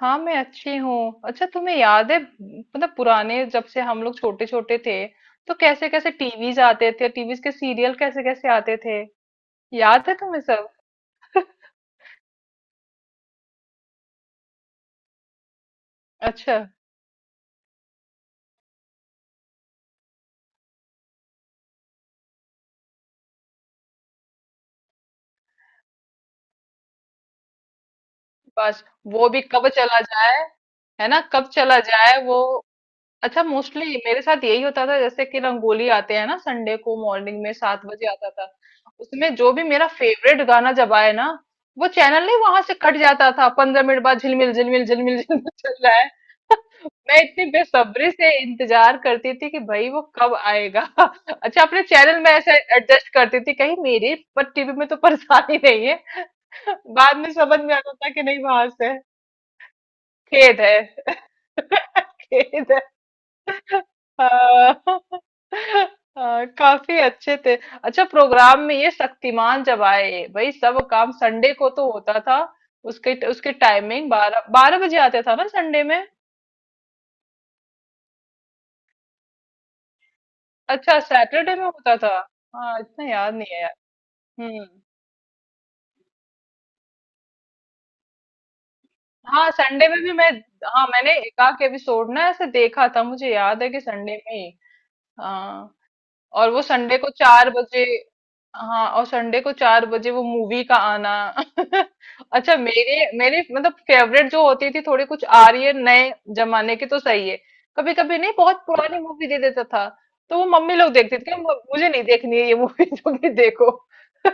हाँ, मैं अच्छी हूँ। अच्छा, तुम्हें याद है मतलब पुराने जब से हम लोग छोटे छोटे थे तो कैसे कैसे टीवीज आते थे, टीवीज के सीरियल कैसे कैसे आते थे? याद है तुम्हें सब? अच्छा। बस, वो भी कब चला जाए, है ना? कब चला जाए वो। अच्छा, मोस्टली मेरे साथ यही होता था जैसे कि रंगोली आते हैं ना, संडे को मॉर्निंग में 7 बजे आता था। उसमें जो भी मेरा फेवरेट गाना जब आए ना, वो चैनल नहीं वहां से कट जाता था। 15 मिनट बाद झिलमिल झिलमिल झिलमिल झिलमिल चल रहा है। मैं इतनी बेसब्री से इंतजार करती थी कि भाई वो कब आएगा। अच्छा, अपने चैनल में ऐसे एडजस्ट करती थी कहीं मेरे पर टीवी में तो परेशानी नहीं है। बाद में समझ में आता था कि नहीं, वहां से खेद है। खेद। हाँ। हाँ, काफी अच्छे थे। अच्छा, प्रोग्राम में ये शक्तिमान जब आए, भाई सब काम संडे को तो होता था। उसके उसकी टाइमिंग 12-12 बजे आते था ना संडे में। अच्छा, सैटरडे में होता था। हाँ, इतना याद नहीं है यार। हम्म। हाँ, संडे में भी मैं, हाँ मैंने एकाक एपिसोड ना ऐसे देखा था, मुझे याद है कि संडे में ही। हाँ। और वो संडे को 4 बजे। हाँ, और संडे को 4 बजे वो मूवी का आना। अच्छा, मेरे मेरे मतलब फेवरेट जो होती थी, थोड़ी कुछ आ रही है नए जमाने की तो सही है। कभी कभी नहीं, बहुत पुरानी मूवी दे देता था तो वो मम्मी लोग देखती थी कि मुझे नहीं देखनी है ये मूवी"। जो कि देखो।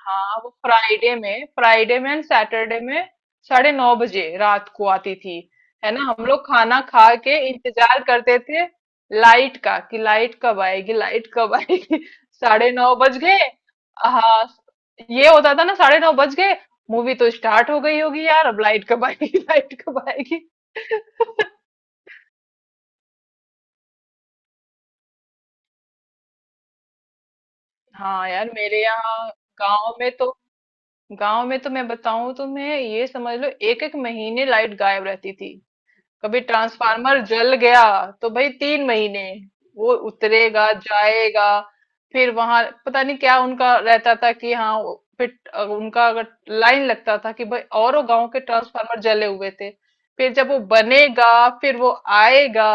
हाँ, वो फ्राइडे में एंड सैटरडे में 9:30 रात को आती थी। है ना, हम लोग खाना खा के इंतजार करते थे लाइट का, कि लाइट कब आएगी, लाइट कब आएगी। 9:30 बज गए। हाँ, ये होता था ना, 9:30 बज गए, मूवी तो स्टार्ट हो गई होगी यार, अब लाइट कब आएगी, लाइट कब आएगी। हाँ यार, मेरे यहाँ गांव में तो गांव में तो मैं बताऊं तुम्हें, ये समझ लो एक एक महीने लाइट गायब रहती थी। कभी ट्रांसफार्मर जल गया तो भाई 3 महीने वो उतरेगा जाएगा। फिर वहां पता नहीं क्या उनका रहता था कि हाँ, फिर उनका अगर लाइन लगता था कि भाई औरों गांव के ट्रांसफार्मर जले हुए थे। फिर जब वो बनेगा, फिर वो आएगा।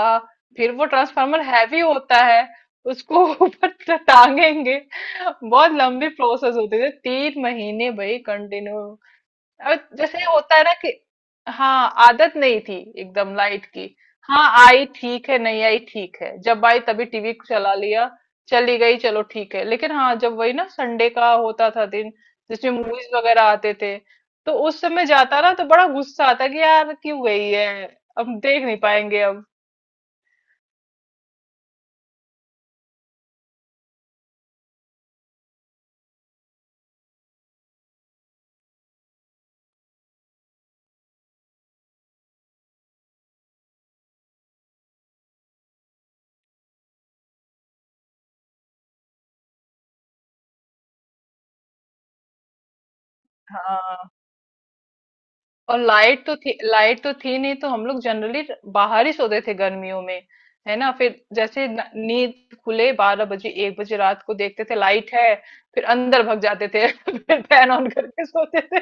फिर वो ट्रांसफार्मर हैवी होता है, उसको ऊपर टांगेंगे। बहुत लंबी प्रोसेस होती थी, 3 महीने भाई कंटिन्यू। और जैसे होता है ना कि हाँ, आदत नहीं थी एकदम लाइट की। हाँ आई ठीक है, नहीं आई ठीक है, जब आई तभी टीवी चला लिया, चली गई चलो ठीक है। लेकिन हाँ, जब वही ना संडे का होता था दिन जिसमें मूवीज वगैरह आते थे, तो उस समय जाता ना तो बड़ा गुस्सा आता कि यार क्यों गई है, अब देख नहीं पाएंगे अब। हाँ। और लाइट तो थी नहीं, तो हम लोग जनरली बाहर ही सोते थे गर्मियों में। है ना, फिर जैसे नींद खुले 12 बजे, 1 बजे रात को देखते थे लाइट है, फिर अंदर भग जाते थे। फिर फैन ऑन करके सोते थे।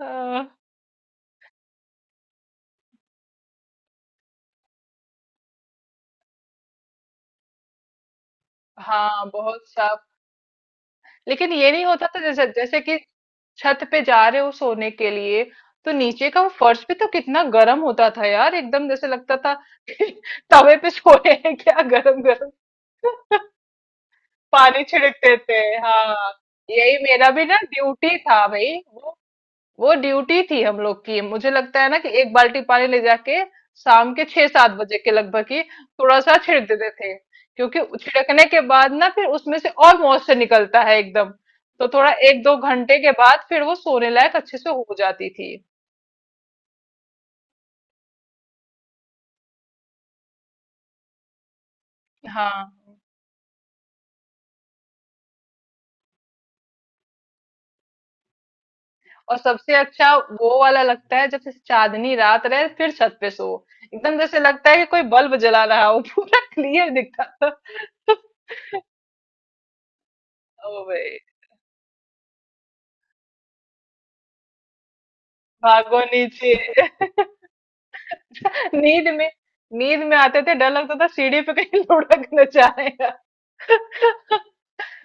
अह, हाँ बहुत साफ। लेकिन ये नहीं होता था, जैसे जैसे कि छत पे जा रहे हो सोने के लिए तो नीचे का वो फर्श भी तो कितना गर्म होता था यार, एकदम जैसे लगता था कि तवे पे सोए हैं क्या, गरम गरम। पानी छिड़कते थे। हाँ, यही मेरा भी ना ड्यूटी था भाई, वो ड्यूटी थी हम लोग की, मुझे लगता है ना कि एक बाल्टी पानी ले जाके शाम के 6-7 बजे के लगभग ही थोड़ा सा छिड़क देते थे। क्योंकि छिड़कने के बाद ना फिर उसमें से और मॉइस्चर निकलता है एकदम। तो थोड़ा 1-2 घंटे के बाद फिर वो सोने लायक अच्छे से हो जाती थी। हाँ। और सबसे अच्छा वो वाला लगता है जब से चांदनी रात रहे फिर छत पे सो, एकदम जैसे लगता है कि कोई बल्ब जला रहा हो, पूरा क्लियर दिखता था। ओ भाई, भागो नीचे, नींद में नींद में आते थे, डर लगता था सीढ़ी पे कहीं लुढ़क न जाएगा।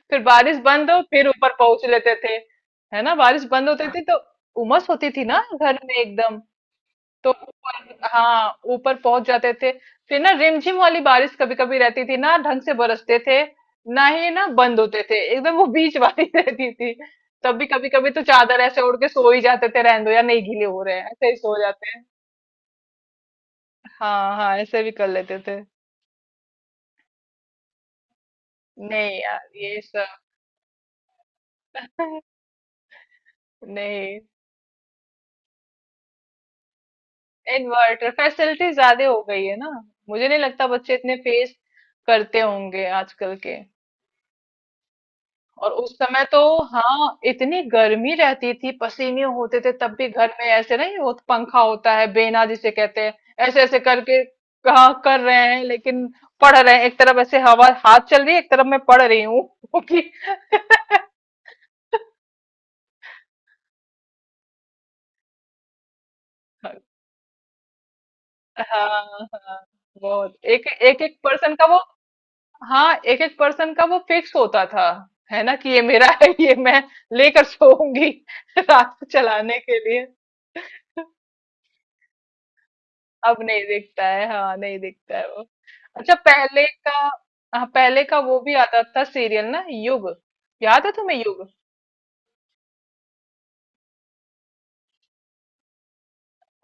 फिर बारिश बंद हो फिर ऊपर पहुंच लेते थे, है ना? बारिश बंद होती थी तो उमस होती थी ना घर में एकदम, तो ऊपर, हाँ ऊपर पहुंच जाते थे। फिर ना रिमझिम वाली बारिश कभी कभी रहती थी, ना ढंग से बरसते थे ना ही ना बंद होते थे एकदम, वो बीच वाली रहती थी। तब भी कभी कभी तो चादर ऐसे ओढ़ के सो ही जाते थे, रहने दो यार, नहीं गीले हो रहे हैं ऐसे ही सो जाते हैं। हाँ हाँ, ऐसे भी कर लेते थे। नहीं यार, ये सब। नहीं। इन्वर्टर फैसिलिटी ज्यादा हो गई है ना, मुझे नहीं लगता बच्चे इतने फेस करते होंगे आजकल के। और उस समय तो हाँ, इतनी गर्मी रहती थी, पसीने होते थे, तब भी घर में ऐसे नहीं हो, पंखा होता है बेना जिसे कहते हैं, ऐसे ऐसे करके कहा कर रहे हैं लेकिन पढ़ रहे हैं, एक तरफ ऐसे हवा हाथ चल रही है, एक तरफ मैं पढ़ रही हूँ। क्योंकि हाँ हाँ, बहुत एक एक एक पर्सन का वो, हाँ एक एक पर्सन का वो फिक्स होता था, है ना कि ये मेरा है, ये मैं लेकर सोऊंगी रात को चलाने के लिए। अब नहीं दिखता है, हाँ नहीं दिखता है वो। अच्छा, पहले का, हाँ पहले का वो भी आता था सीरियल ना, युग। याद है तुम्हें युग?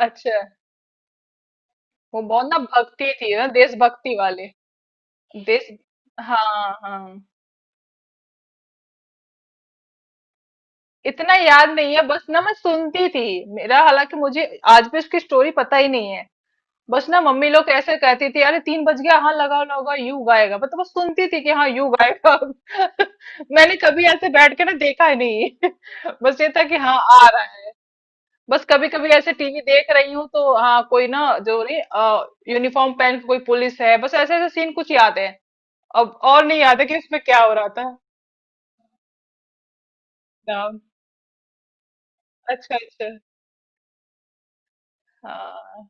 अच्छा, वो बहुत ना भक्ति थी ना, देशभक्ति वाले, देश। हाँ हाँ, इतना याद नहीं है, बस ना मैं सुनती थी, मेरा हालांकि मुझे आज भी उसकी स्टोरी पता ही नहीं है। बस ना मम्मी लोग ऐसे कहती थी, अरे तीन बज गया, हाँ लगाओ लगाओ, यू गाएगा, मतलब वो सुनती थी कि हाँ, यू गाएगा। मैंने कभी ऐसे बैठ के ना देखा ही नहीं। बस ये था कि हाँ आ रहा है। बस कभी कभी ऐसे टीवी देख रही हूँ तो हाँ, कोई ना जो नहीं यूनिफॉर्म पहन के कोई पुलिस है, बस ऐसे ऐसे सीन कुछ याद है। अब और नहीं याद है कि उसमें क्या हो रहा था। नाम, अच्छा अच्छा। हाँ।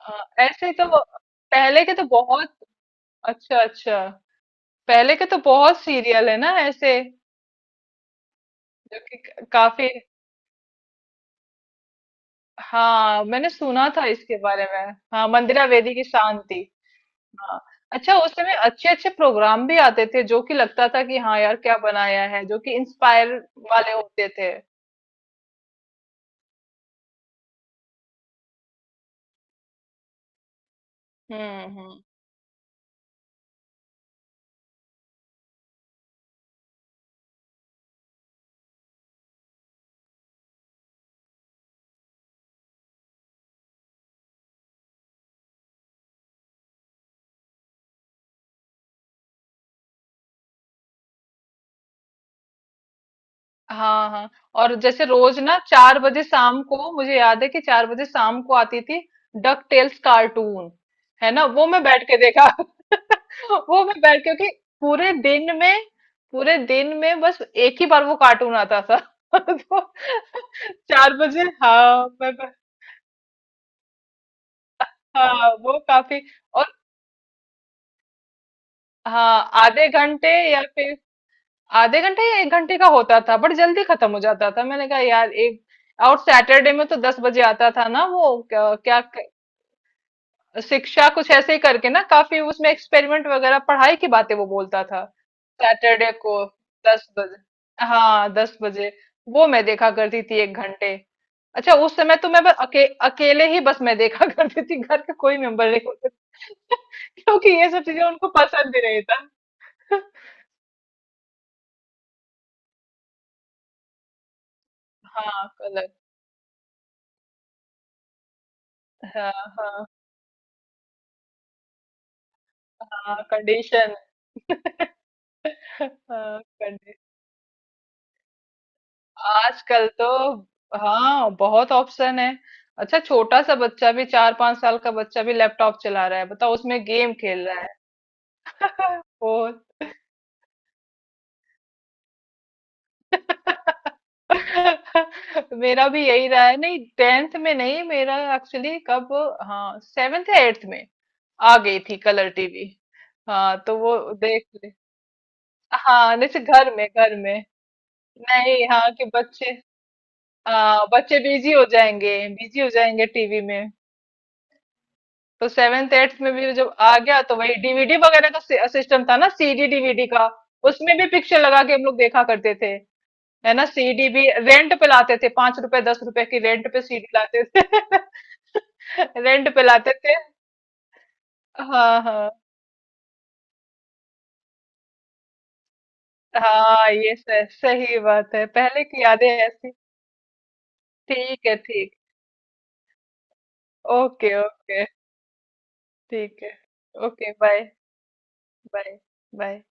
हाँ, ऐसे तो पहले के तो बहुत। अच्छा अच्छा, पहले के तो बहुत सीरियल है ना ऐसे जो कि काफी। हाँ, मैंने सुना था इसके बारे में, हाँ मंदिरा वेदी की शांति। हाँ। अच्छा, उस समय अच्छे अच्छे प्रोग्राम भी आते थे जो कि लगता था कि हाँ यार, क्या बनाया है, जो कि इंस्पायर वाले होते थे। हम्म। हाँ हाँ। और जैसे रोज ना चार बजे शाम को, मुझे याद है कि चार बजे शाम को आती थी डक टेल्स कार्टून। है ना, वो मैं बैठ के देखा, वो मैं बैठ क्योंकि पूरे दिन में पूरे दिन में बस एक ही बार वो कार्टून आता था। तो चार बजे, हाँ मैं। हाँ वो काफी। और हाँ, आधे घंटे या फिर आधे घंटे या 1 घंटे का होता था, बट जल्दी खत्म हो जाता था, मैंने कहा यार एक। और सैटरडे में तो 10 बजे आता था ना, वो क्या, क्या, शिक्षा कुछ ऐसे ही करके ना, काफी उसमें एक्सपेरिमेंट वगैरह पढ़ाई की बातें वो बोलता था। सैटरडे को 10 बजे, हाँ 10 बजे वो मैं देखा करती थी 1 घंटे। अच्छा, उस समय तो मैं बस अकेले ही बस मैं देखा करती थी, घर के कोई मेंबर नहीं होते थे। क्योंकि ये सब चीजें उनको पसंद भी नहीं था। हाँ कलर। हाँ हाँ। हाँ कंडीशन। हाँ कंडी आजकल तो हाँ, बहुत ऑप्शन है। अच्छा, छोटा सा बच्चा भी, 4-5 साल का बच्चा भी लैपटॉप चला रहा है बताओ, उसमें गेम खेल रहा है। फोन। मेरा भी यही रहा है, नहीं टेंथ में नहीं, मेरा एक्चुअली कब, हाँ सेवेंथ या एट्थ में आ गई थी कलर टीवी। हाँ तो वो देख ले। हाँ, जैसे घर में नहीं, हाँ कि बच्चे, बच्चे बिजी हो जाएंगे, बिजी हो जाएंगे टीवी में। तो सेवेंथ एट्थ में भी जब आ गया तो वही डीवीडी वगैरह का सिस्टम था ना, सीडी डीवीडी का। उसमें भी पिक्चर लगा के हम लोग देखा करते थे, है ना। सीडी भी रेंट पे लाते थे, ₹5, ₹10 की रेंट पे सीडी लाते थे। रेंट पे लाते थे। हाँ हाँ। हाँ, सही बात है, पहले की यादें ऐसी। ठीक है, ठीक। Okay okay. ठीक है। Okay bye bye. बाय।